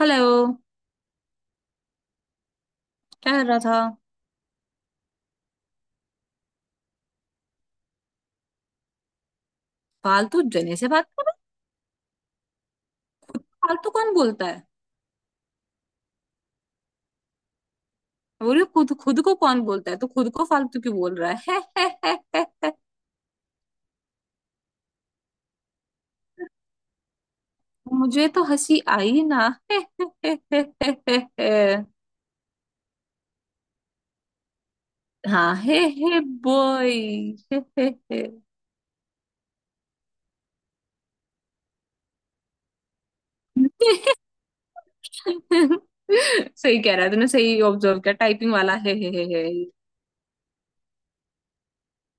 Hello. क्या कर रहा था? फालतू जने से बात कर। फालतू कौन बोलता है? बोल रही हूँ, खुद खुद को कौन बोलता है, तो खुद को फालतू क्यों बोल रहा है? है, है। मुझे तो हंसी आई ना। हे, हे, हे, हे, हे, हे, हे। हाँ हे हे बॉय। हे, हे, हे। सही कह रहा है, तूने सही ऑब्जर्व किया, टाइपिंग वाला हे हे हे हे।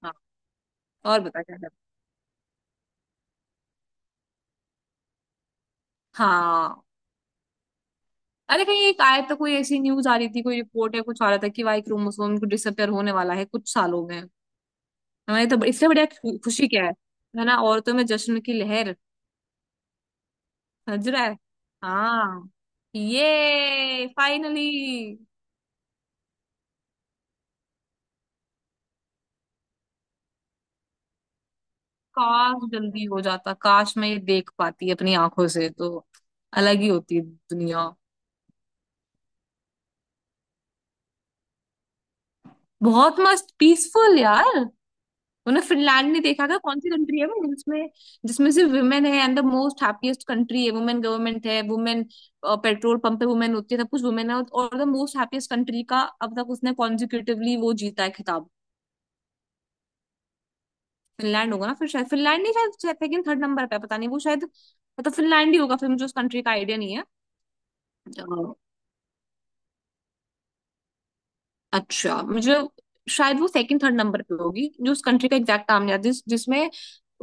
हाँ। और बता क्या कर। हाँ। अरे कहीं एक आया, तो कोई ऐसी न्यूज आ रही थी, कोई रिपोर्ट है, कुछ आ रहा था कि वाई क्रोमोसोम को डिसअपियर होने वाला है कुछ सालों में। हमारी तो इससे बढ़िया खुशी क्या है? है ना, औरतों में जश्न की लहर। समझ रहा है? हाँ। ये फाइनली। काश जल्दी हो जाता, काश मैं ये देख पाती अपनी आंखों से, तो अलग ही होती दुनिया। बहुत मस्त पीसफुल यार। उन्हें फिनलैंड नहीं देखा क्या? कौन सी कंट्री है वो जिसमें जिसमें सिर्फ वुमेन है and the most happiest country है, वुमेन गवर्नमेंट है, वुमेन पेट्रोल पंप पे वुमेन होती है, सब कुछ वुमेन है, और द मोस्ट हैप्पीएस्ट कंट्री का अब तक उसने कॉन्जिक्यूटिवली वो जीता है। फिनलैंड होगा ना फिर, शायद फिनलैंड नहीं, शायद सेकंड थर्ड नंबर पे है, पता नहीं वो, शायद मतलब फिनलैंड ही होगा फिर, मुझे उस कंट्री का आइडिया नहीं है। अ, अच्छा मुझे शायद वो सेकंड थर्ड नंबर पे होगी, जो उस कंट्री का एग्जैक्ट नाम नहीं याद, जिसमें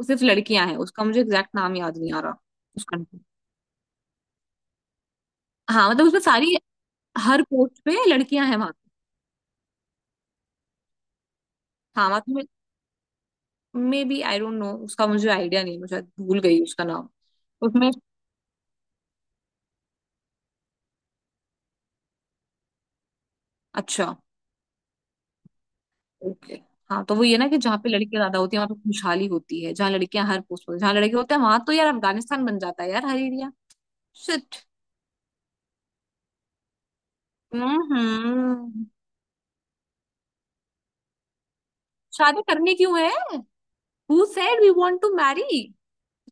सिर्फ लड़कियां हैं, उसका मुझे एग्जैक्ट नाम याद नहीं आ रहा। उस कंट्री। हाँ, मतलब उसमें सारी, हर पोस्ट पे लड़कियां हैं वहां पे। हाँ मतलब, maybe I don't know, उसका मुझे आइडिया नहीं है, मैं शायद भूल गई उसका नाम। उसमें। अच्छा। ओके। हाँ, तो वो ये ना, कि जहाँ पे लड़कियां ज्यादा होती है वहां पे खुशहाली होती है, जहाँ लड़कियां हर पोस्ट पर, जहाँ लड़के होते हैं वहां तो यार अफगानिस्तान बन जाता है यार, हर एरिया। शिट। हम्म। शादी करनी क्यों है? Who said we want to marry?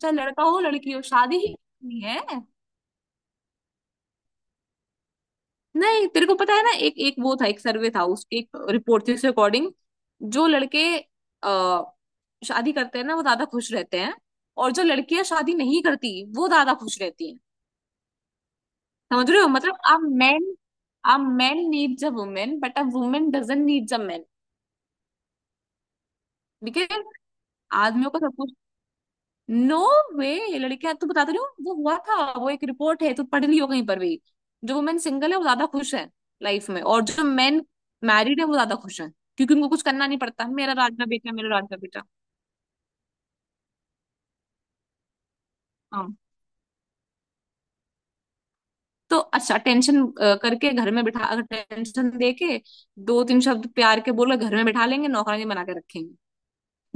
चाहे लड़का हो लड़की हो, शादी ही करनी है? नहीं, तेरे को पता है ना, एक एक वो था, एक सर्वे था, उसकी एक रिपोर्ट थी, उसके अकॉर्डिंग जो लड़के आ, शादी करते हैं ना, वो ज्यादा खुश रहते हैं, और जो लड़कियां शादी नहीं करती वो ज्यादा खुश रहती हैं। समझ रहे हो? मतलब a man, a man needs a women but a women doesn't needs a man, because आदमियों का सब कुछ। नो। वे लड़कियां, तो बता तो रही हूँ, वो हुआ था, वो एक रिपोर्ट है, तो पढ़ ली हो कहीं पर भी। जो वुमेन सिंगल है वो ज्यादा खुश है लाइफ में, और जो मैन मैरिड है वो ज्यादा खुश है, क्योंकि उनको कुछ करना नहीं पड़ता, मेरा राजा बेटा, मेरा राजा बेटा। हाँ, तो अच्छा टेंशन करके घर में बिठा, अगर टेंशन दे के दो तीन शब्द प्यार के बोलो, घर में बिठा लेंगे, नौकरानी बना के रखेंगे।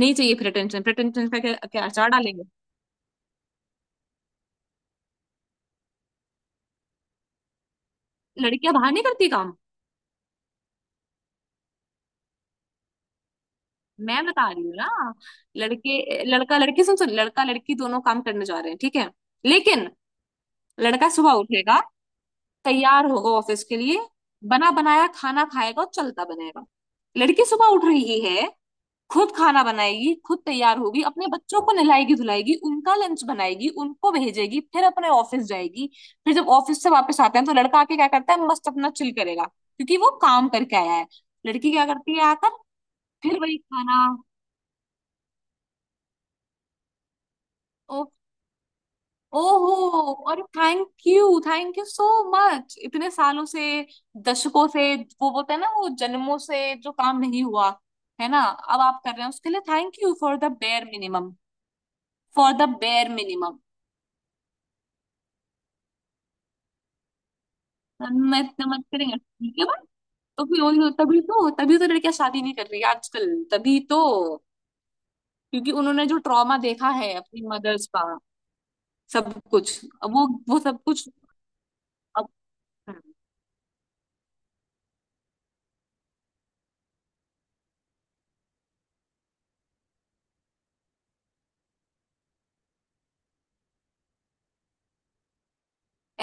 नहीं चाहिए प्रेटेंशन, प्रेटेंशन का क्या, क्या अचार डालेंगे? लड़कियां बाहर नहीं करती काम? मैं बता रही हूँ ना, लड़के लड़का लड़की, सुन सुन, लड़का लड़की दोनों काम करने जा रहे हैं, ठीक है। लेकिन लड़का सुबह उठेगा, तैयार होगा ऑफिस के लिए, बना बनाया खाना खाएगा और चलता बनेगा। लड़की सुबह उठ रही है, खुद खाना बनाएगी, खुद तैयार होगी, अपने बच्चों को नहलाएगी धुलाएगी, उनका लंच बनाएगी, उनको भेजेगी, फिर अपने ऑफिस जाएगी। फिर जब ऑफिस से वापस आते हैं, तो लड़का आके क्या करता है? मस्त अपना चिल करेगा, क्योंकि वो काम करके आया है। लड़की क्या करती है आकर? फिर वही खाना। ओ, ओहो, और thank you, thank you so much, इतने सालों से, दशकों से, वो बोलते हैं ना, वो जन्मों से जो काम नहीं हुआ, है ना, अब आप कर रहे हैं, उसके लिए thank you for the bare minimum, for the bare minimum. मैं इतना मत करेंगे, ठीक है भाई। तो फिर उन तभी तो लड़कियां शादी नहीं कर रही आजकल, तभी तो, क्योंकि उन्होंने जो ट्रॉमा देखा है अपनी मदर्स का, सब कुछ। अब वो सब कुछ। अब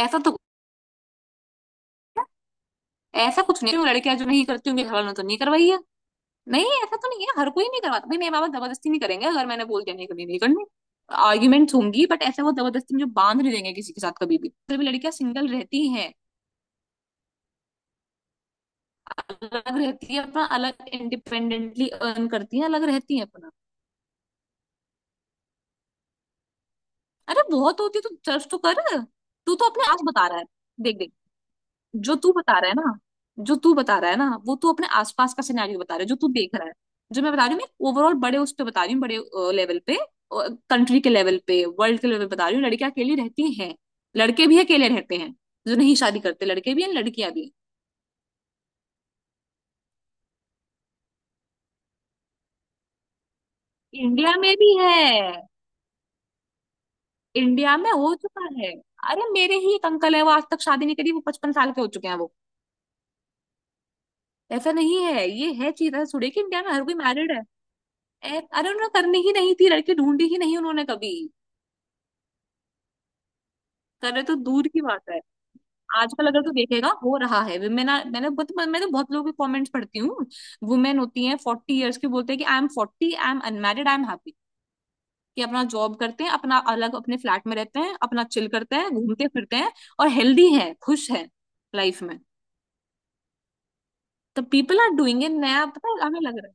ऐसा तो, ऐसा कुछ नहीं है, लड़कियां जो नहीं करती उनके घर वालों ने तो नहीं करवाई है। नहीं, ऐसा तो नहीं है, हर कोई नहीं करवाता भाई, मेरे माँ बाप जबरदस्ती नहीं करेंगे, अगर मैंने बोल दिया नहीं करनी, नहीं करनी। आर्ग्यूमेंट्स होंगी बट ऐसे वो जबरदस्ती मुझे बांध नहीं देंगे किसी के साथ कभी भी, फिर भी लड़कियां सिंगल रहती हैं, अलग रहती है अपना, अलग इंडिपेंडेंटली अर्न करती है, अलग रहती है अपना। अरे बहुत होती है, तू सर्च तो कर। तू तो अपने आस बता रहा है, देख देख। जो तू बता रहा है ना जो तू बता रहा है ना, वो तू अपने आसपास का सिनेरियो बता रहा है जो तू देख रहा है। जो मैं बता रही हूँ, मैं ओवरऑल बड़े उस पे बता रही हूँ, बड़े लेवल पे, कंट्री के लेवल पे, वर्ल्ड के लेवल पे बता रही हूँ, लड़कियां अकेली रहती हैं, लड़के भी अकेले रहते हैं। जो नहीं शादी करते, लड़के भी हैं, लड़कियां भी हैं। इंडिया में भी है, इंडिया में हो चुका है। अरे मेरे ही एक अंकल है, वो आज तक शादी नहीं करी, वो 55 साल के हो चुके हैं वो। ऐसा नहीं है ये, है चीज है सुड़े कि इंडिया में हर कोई मैरिड है? अरे उन्होंने करनी ही नहीं थी, लड़की ढूंढी ही नहीं उन्होंने कभी, करे तो दूर की बात है। आजकल अगर तू देखेगा हो रहा है, वुमेन, मैंने बहुत, मैं तो बहुत लोगों के कमेंट्स पढ़ती हूँ, वुमेन होती हैं 40 ईयर्स की, बोलते हैं कि I M 40, I am unmarried, I am happy, कि अपना जॉब करते हैं, अपना अलग अपने फ्लैट में रहते हैं, अपना चिल करते हैं, घूमते फिरते हैं, और हेल्दी है, खुश है लाइफ में। The people are doing it, नया पता है हमें, लग रहा है।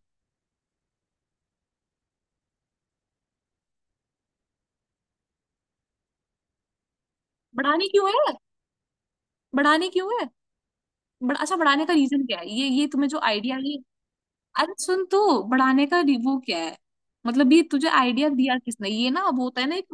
बढ़ाने क्यों है? बढ़ाने क्यों है? बड़ा अच्छा, बढ़ाने का रीजन क्या है? ये तुम्हें जो आइडिया, ये, अरे सुन तो, बढ़ाने का वो क्या है? मतलब ये तुझे आइडिया दिया किसने? ये ना, अब होता है ना एक,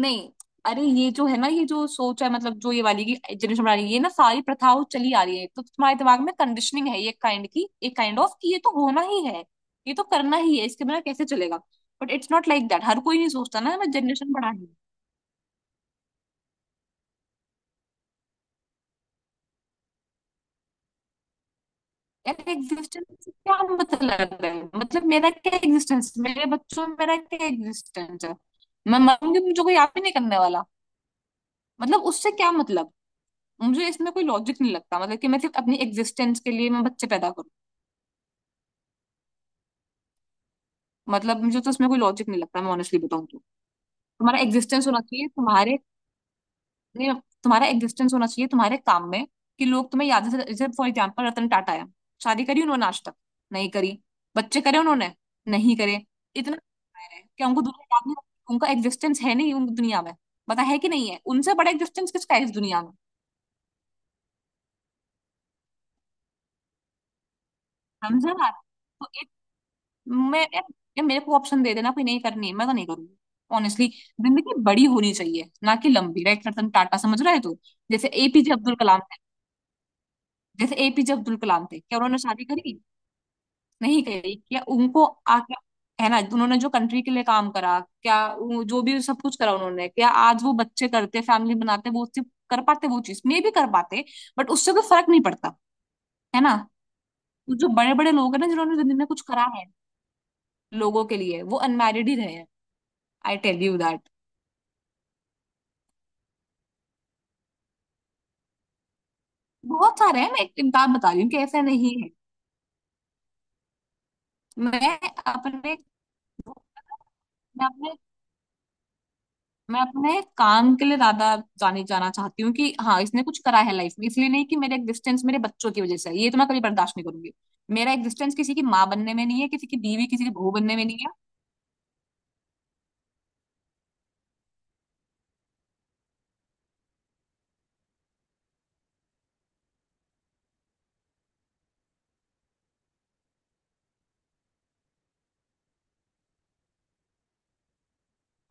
नहीं, अरे ये जो है ना, ये जो सोच है, मतलब जो ये वाली की जनरेशन बना रही है, ये ना सारी प्रथाओं चली आ रही है, तो तुम्हारे दिमाग में कंडीशनिंग है, ये काइंड की, एक काइंड ऑफ कि ये तो होना ही है, ये तो करना ही है, इसके बिना कैसे चलेगा? But it's not like that, हर कोई नहीं सोचता ना मैं जनरेशन बढ़ानी है। यार एग्जिस्टेंस क्या मतलब है? मतलब मेरा क्या एग्जिस्टेंस, मेरे बच्चों में मेरा क्या एग्जिस्टेंस है? मैं मरूंगी, मुझे कोई याद भी नहीं करने वाला, मतलब उससे क्या मतलब? मुझे इसमें कोई लॉजिक नहीं लगता, मतलब कि मैं सिर्फ अपनी एग्जिस्टेंस के लिए मैं बच्चे पैदा करूं? मतलब मुझे तो इसमें कोई लॉजिक नहीं लगता, मैं ऑनेस्टली बताऊं तो। तुम्हारा एग्जिस्टेंस होना चाहिए तुम्हारे, नहीं, तुम्हारा एग्जिस्टेंस होना चाहिए तुम्हारे काम में, कि लोग तुम्हें याद से, जैसे फॉर एग्जाम्पल रतन टाटा है। शादी करी उन्होंने आज तक? नहीं करी। बच्चे करे उन्होंने? नहीं करे। इतना क्या उनको दुनिया याद नहीं रखती? उनका एग्जिस्टेंस है नहीं उन दुनिया में? पता है कि नहीं है उनसे बड़ा एग्जिस्टेंस किसका है इस दुनिया में? समझे ना, तो मैं ये मेरे को ऑप्शन दे देना, कोई नहीं करनी है, मैं तो नहीं करूंगी ऑनेस्टली। जिंदगी बड़ी होनी चाहिए ना कि लंबी, राइट? रतन टाटा, समझ रहा है तू? जैसे एपीजे अब्दुल कलाम थे जैसे एपीजे अब्दुल कलाम थे, क्या उन्होंने शादी करी? नहीं करी। क्या उनको आके, है ना, उन्होंने जो कंट्री के लिए काम करा, क्या जो भी सब कुछ करा उन्होंने, क्या आज वो बच्चे करते, फैमिली बनाते, वो सिर्फ कर पाते वो चीज, मे भी कर पाते? बट उससे कोई फर्क नहीं पड़ता, है ना। तो जो बड़े बड़े लोग हैं ना, जिन्होंने जिंदगी में कुछ करा है लोगों के लिए, वो अनमैरिड ही रहे हैं। I tell you that. बहुत सारे हैं, मैं एक एक बात बता रही हूँ कि ऐसा नहीं है। मैं अपने मैं अपने मैं अपने काम के लिए ज्यादा जाने जाना चाहती हूँ कि हाँ इसने कुछ करा है लाइफ में, इसलिए नहीं कि मेरा एग्जिस्टेंस मेरे बच्चों की वजह से है, ये तो मैं कभी बर्दाश्त नहीं करूंगी। मेरा एग्जिस्टेंस किसी की माँ बनने में नहीं है, किसी की बीवी, किसी की बहू बनने में नहीं है।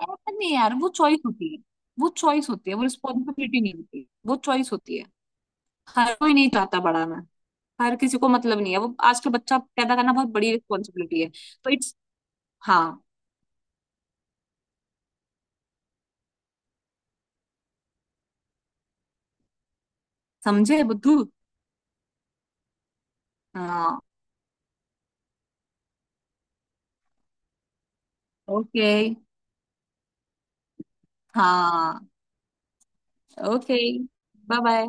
ऐसा नहीं है यार, वो चॉइस होती है, वो रिस्पॉन्सिबिलिटी नहीं होती, वो चॉइस होती है। हर कोई नहीं चाहता बढ़ाना, हर किसी को मतलब नहीं है वो, आजकल बच्चा पैदा करना बहुत बड़ी रिस्पॉन्सिबिलिटी है। तो इट्स, हाँ। समझे बुद्धू? हाँ। ओके। हाँ। ओके। Bye bye.